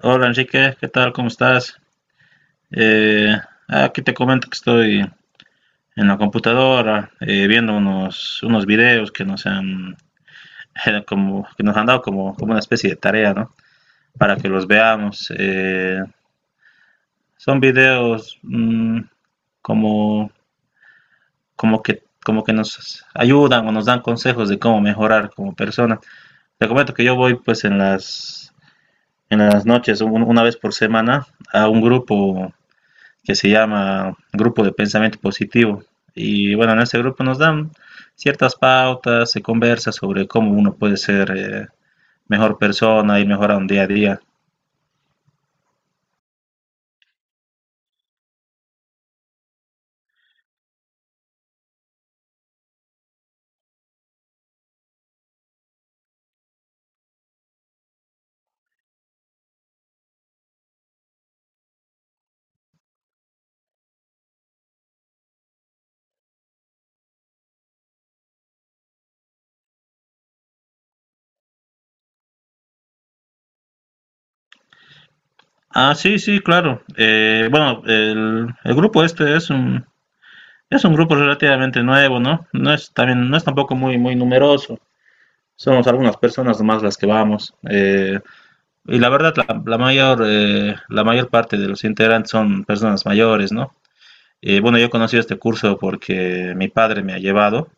Hola Enrique, ¿qué tal? ¿Cómo estás? Eh, Aquí te comento que estoy en la computadora viendo unos videos que nos han, que nos han dado como una especie de tarea, ¿no? Para que los veamos. Son videos como, como que nos ayudan o nos dan consejos de cómo mejorar como persona. Te comento que yo voy pues en en las noches, una vez por semana, a un grupo que se llama Grupo de Pensamiento Positivo. Y bueno, en este grupo nos dan ciertas pautas, se conversa sobre cómo uno puede ser mejor persona y mejorar un día a día. Ah, sí, sí, claro. Bueno, el grupo este es es un grupo relativamente nuevo, ¿no? No es, también, no es tampoco muy numeroso. Somos algunas personas más las que vamos. Y la verdad, la mayor parte de los integrantes son personas mayores, ¿no? Bueno, yo he conocido este curso porque mi padre me ha llevado.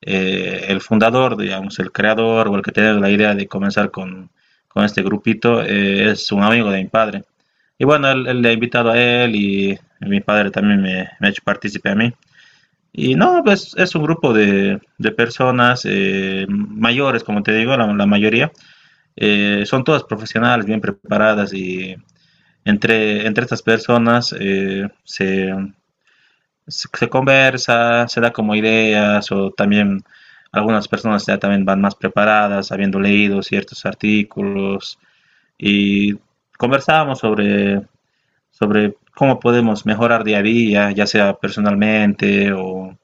El fundador, digamos, el creador o el que tiene la idea de comenzar con este grupito es un amigo de mi padre. Y bueno, él le ha invitado a él y mi padre también me ha hecho partícipe a mí. Y no, pues es un grupo de personas mayores, como te digo, la mayoría. Son todas profesionales, bien preparadas y entre estas personas se conversa, se da como ideas o también algunas personas ya también van más preparadas, habiendo leído ciertos artículos y conversábamos sobre cómo podemos mejorar día a día, ya sea personalmente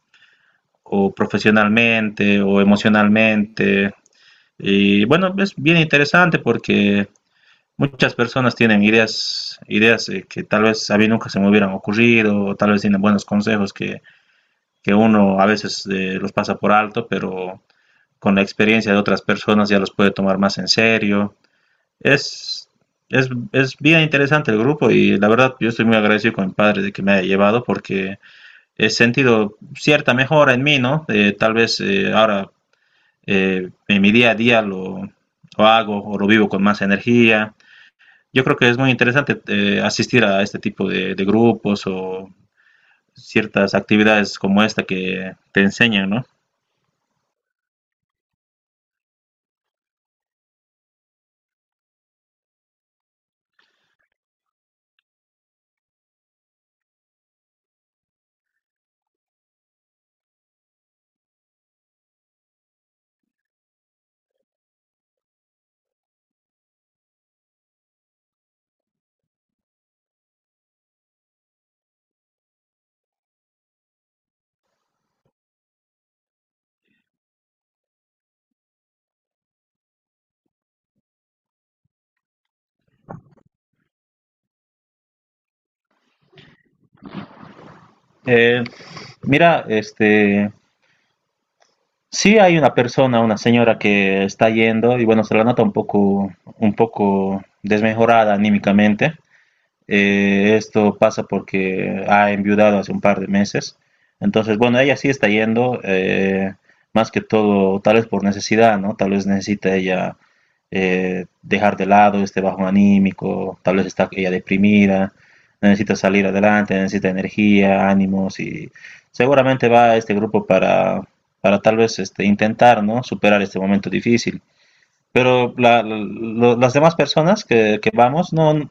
o profesionalmente o emocionalmente. Y bueno, es bien interesante porque muchas personas tienen ideas, que tal vez a mí nunca se me hubieran ocurrido, o tal vez tienen buenos consejos que uno a veces los pasa por alto, pero con la experiencia de otras personas ya los puede tomar más en serio. Es, es bien interesante el grupo y la verdad yo estoy muy agradecido con mi padre de que me haya llevado porque he sentido cierta mejora en mí, ¿no? Tal vez ahora en mi día a día hago o lo vivo con más energía. Yo creo que es muy interesante asistir a este tipo de grupos o ciertas actividades como esta que te enseñan, ¿no? Eh, Mira, este, sí hay una persona, una señora que está yendo y bueno, se la nota un poco desmejorada anímicamente. Esto pasa porque ha enviudado hace un par de meses. Entonces, bueno, ella sí está yendo, más que todo, tal vez por necesidad, ¿no? Tal vez necesita ella dejar de lado este bajón anímico, tal vez está ella deprimida, necesita salir adelante, necesita energía, ánimos y seguramente va a este grupo para tal vez este, intentar, ¿no? Superar este momento difícil. Pero las demás personas que vamos no,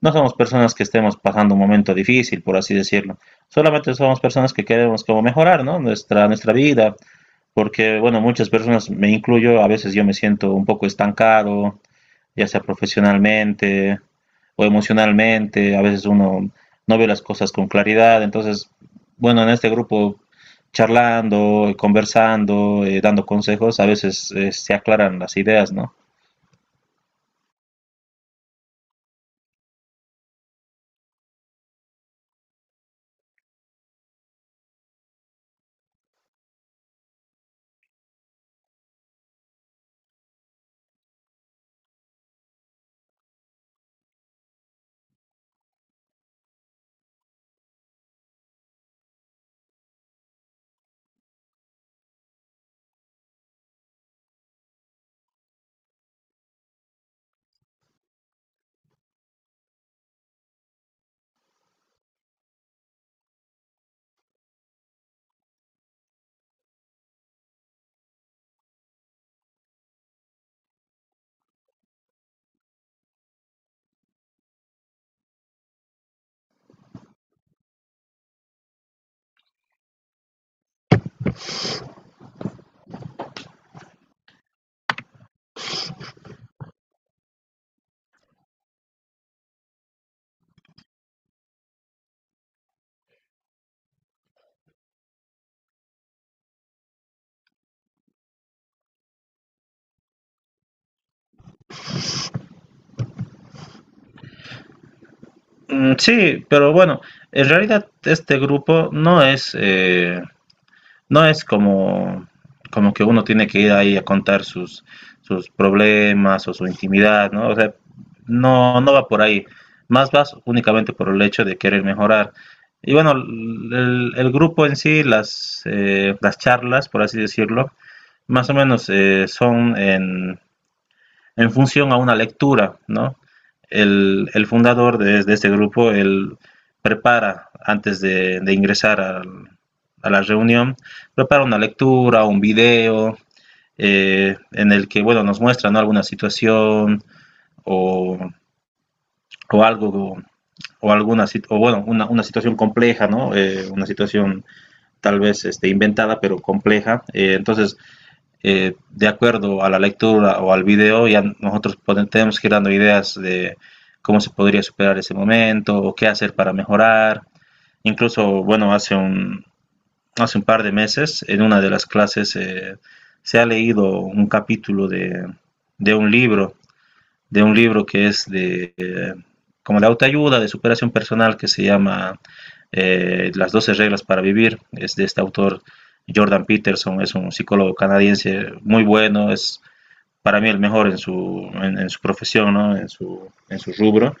no somos personas que estemos pasando un momento difícil, por así decirlo. Solamente somos personas que queremos como mejorar, ¿no? Nuestra vida. Porque, bueno, muchas personas, me incluyo, a veces yo me siento un poco estancado, ya sea profesionalmente o emocionalmente. A veces uno no ve las cosas con claridad. Entonces, bueno, en este grupo charlando, conversando, dando consejos, a veces se aclaran las ideas, ¿no? Mm, sí, pero bueno, en realidad este grupo no es, no es como, como que uno tiene que ir ahí a contar sus problemas o su intimidad, ¿no? O sea, no, no va por ahí. Más vas únicamente por el hecho de querer mejorar. Y bueno, el grupo en sí, las charlas, por así decirlo, más o menos son en función a una lectura, ¿no? El fundador este grupo, él prepara, antes de ingresar a la reunión, prepara una lectura, un video, en el que, bueno, nos muestra, ¿no?, alguna situación o, o algo, o alguna, o bueno, una situación compleja, ¿no? Una situación tal vez este, inventada, pero compleja. Entonces, de acuerdo a la lectura o al video, ya nosotros podemos, tenemos que ir dando ideas de cómo se podría superar ese momento o qué hacer para mejorar. Incluso, bueno, hace un par de meses en una de las clases se ha leído un capítulo de un libro que es de, como de autoayuda, de superación personal, que se llama Las doce reglas para vivir. Es de este autor Jordan Peterson, es un psicólogo canadiense muy bueno, es para mí el mejor en en su profesión, ¿no?, en su rubro.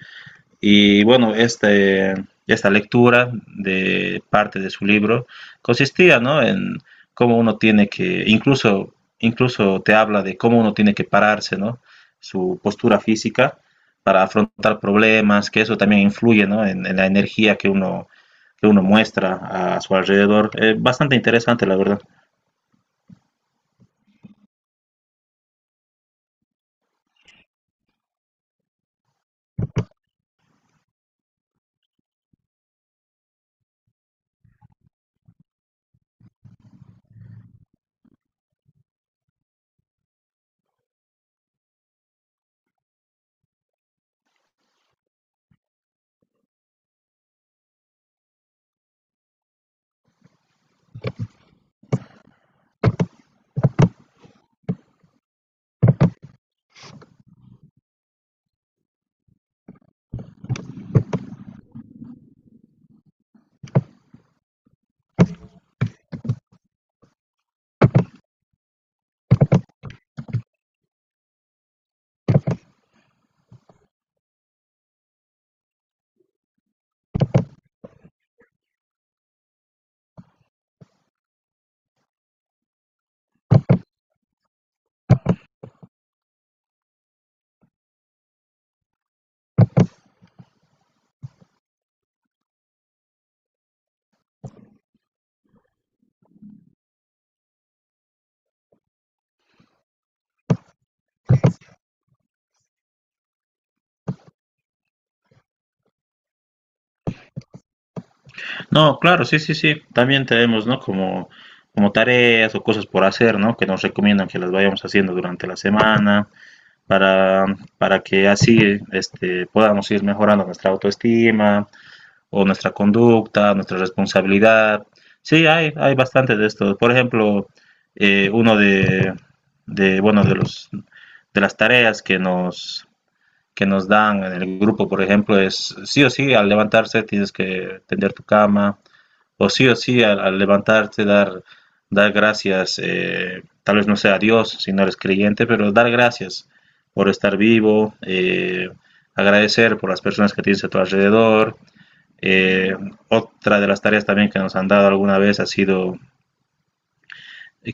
Y bueno, este, esta lectura de parte de su libro consistía, ¿no?, en cómo uno tiene que, incluso, incluso te habla de cómo uno tiene que pararse, ¿no? Su postura física para afrontar problemas, que eso también influye, ¿no?, en, la energía que que uno muestra a su alrededor. Bastante interesante, la verdad. No, claro, sí, sí, sí. También tenemos, ¿no?, como, como tareas o cosas por hacer, ¿no?, que nos recomiendan que las vayamos haciendo durante la semana. para, para que así este, podamos ir mejorando nuestra autoestima o nuestra conducta, nuestra responsabilidad. Hay bastantes de estos. Por ejemplo, uno de, bueno, de las tareas que nos dan en el grupo, por ejemplo, es sí o sí, al levantarse tienes que tender tu cama, o sí, al levantarte, dar gracias, tal vez no sea a Dios si no eres creyente, pero dar gracias por estar vivo, agradecer por las personas que tienes a tu alrededor. Eh, Otra de las tareas también que nos han dado alguna vez ha sido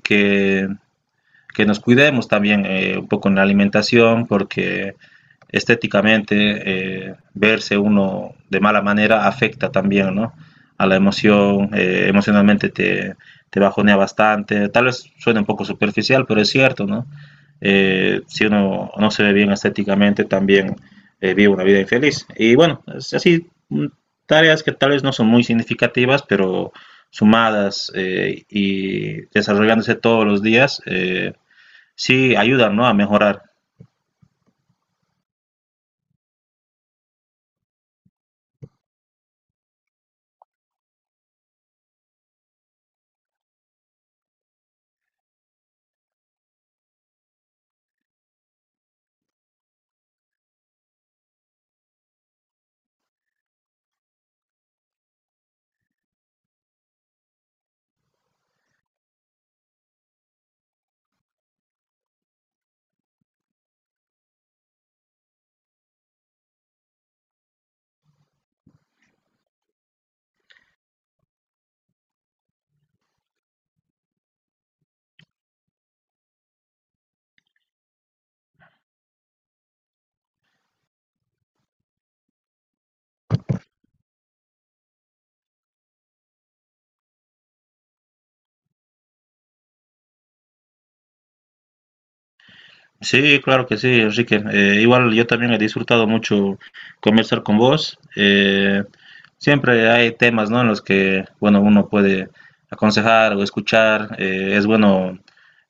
que que nos cuidemos también un poco en la alimentación, porque estéticamente verse uno de mala manera afecta también, ¿no?, a la emoción, emocionalmente te bajonea bastante. Tal vez suene un poco superficial, pero es cierto, ¿no? Si uno no se ve bien estéticamente, también vive una vida infeliz. Y bueno, es así, tareas que tal vez no son muy significativas, pero sumadas y desarrollándose todos los días, sí, ayudan, ¿no?, a mejorar. Sí, claro que sí, Enrique. Igual yo también he disfrutado mucho conversar con vos. Siempre hay temas, ¿no?, en los que, bueno, uno puede aconsejar o escuchar. Es bueno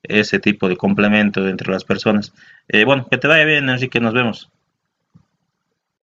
ese tipo de complemento entre las personas. Bueno, que te vaya bien, Enrique. Nos vemos.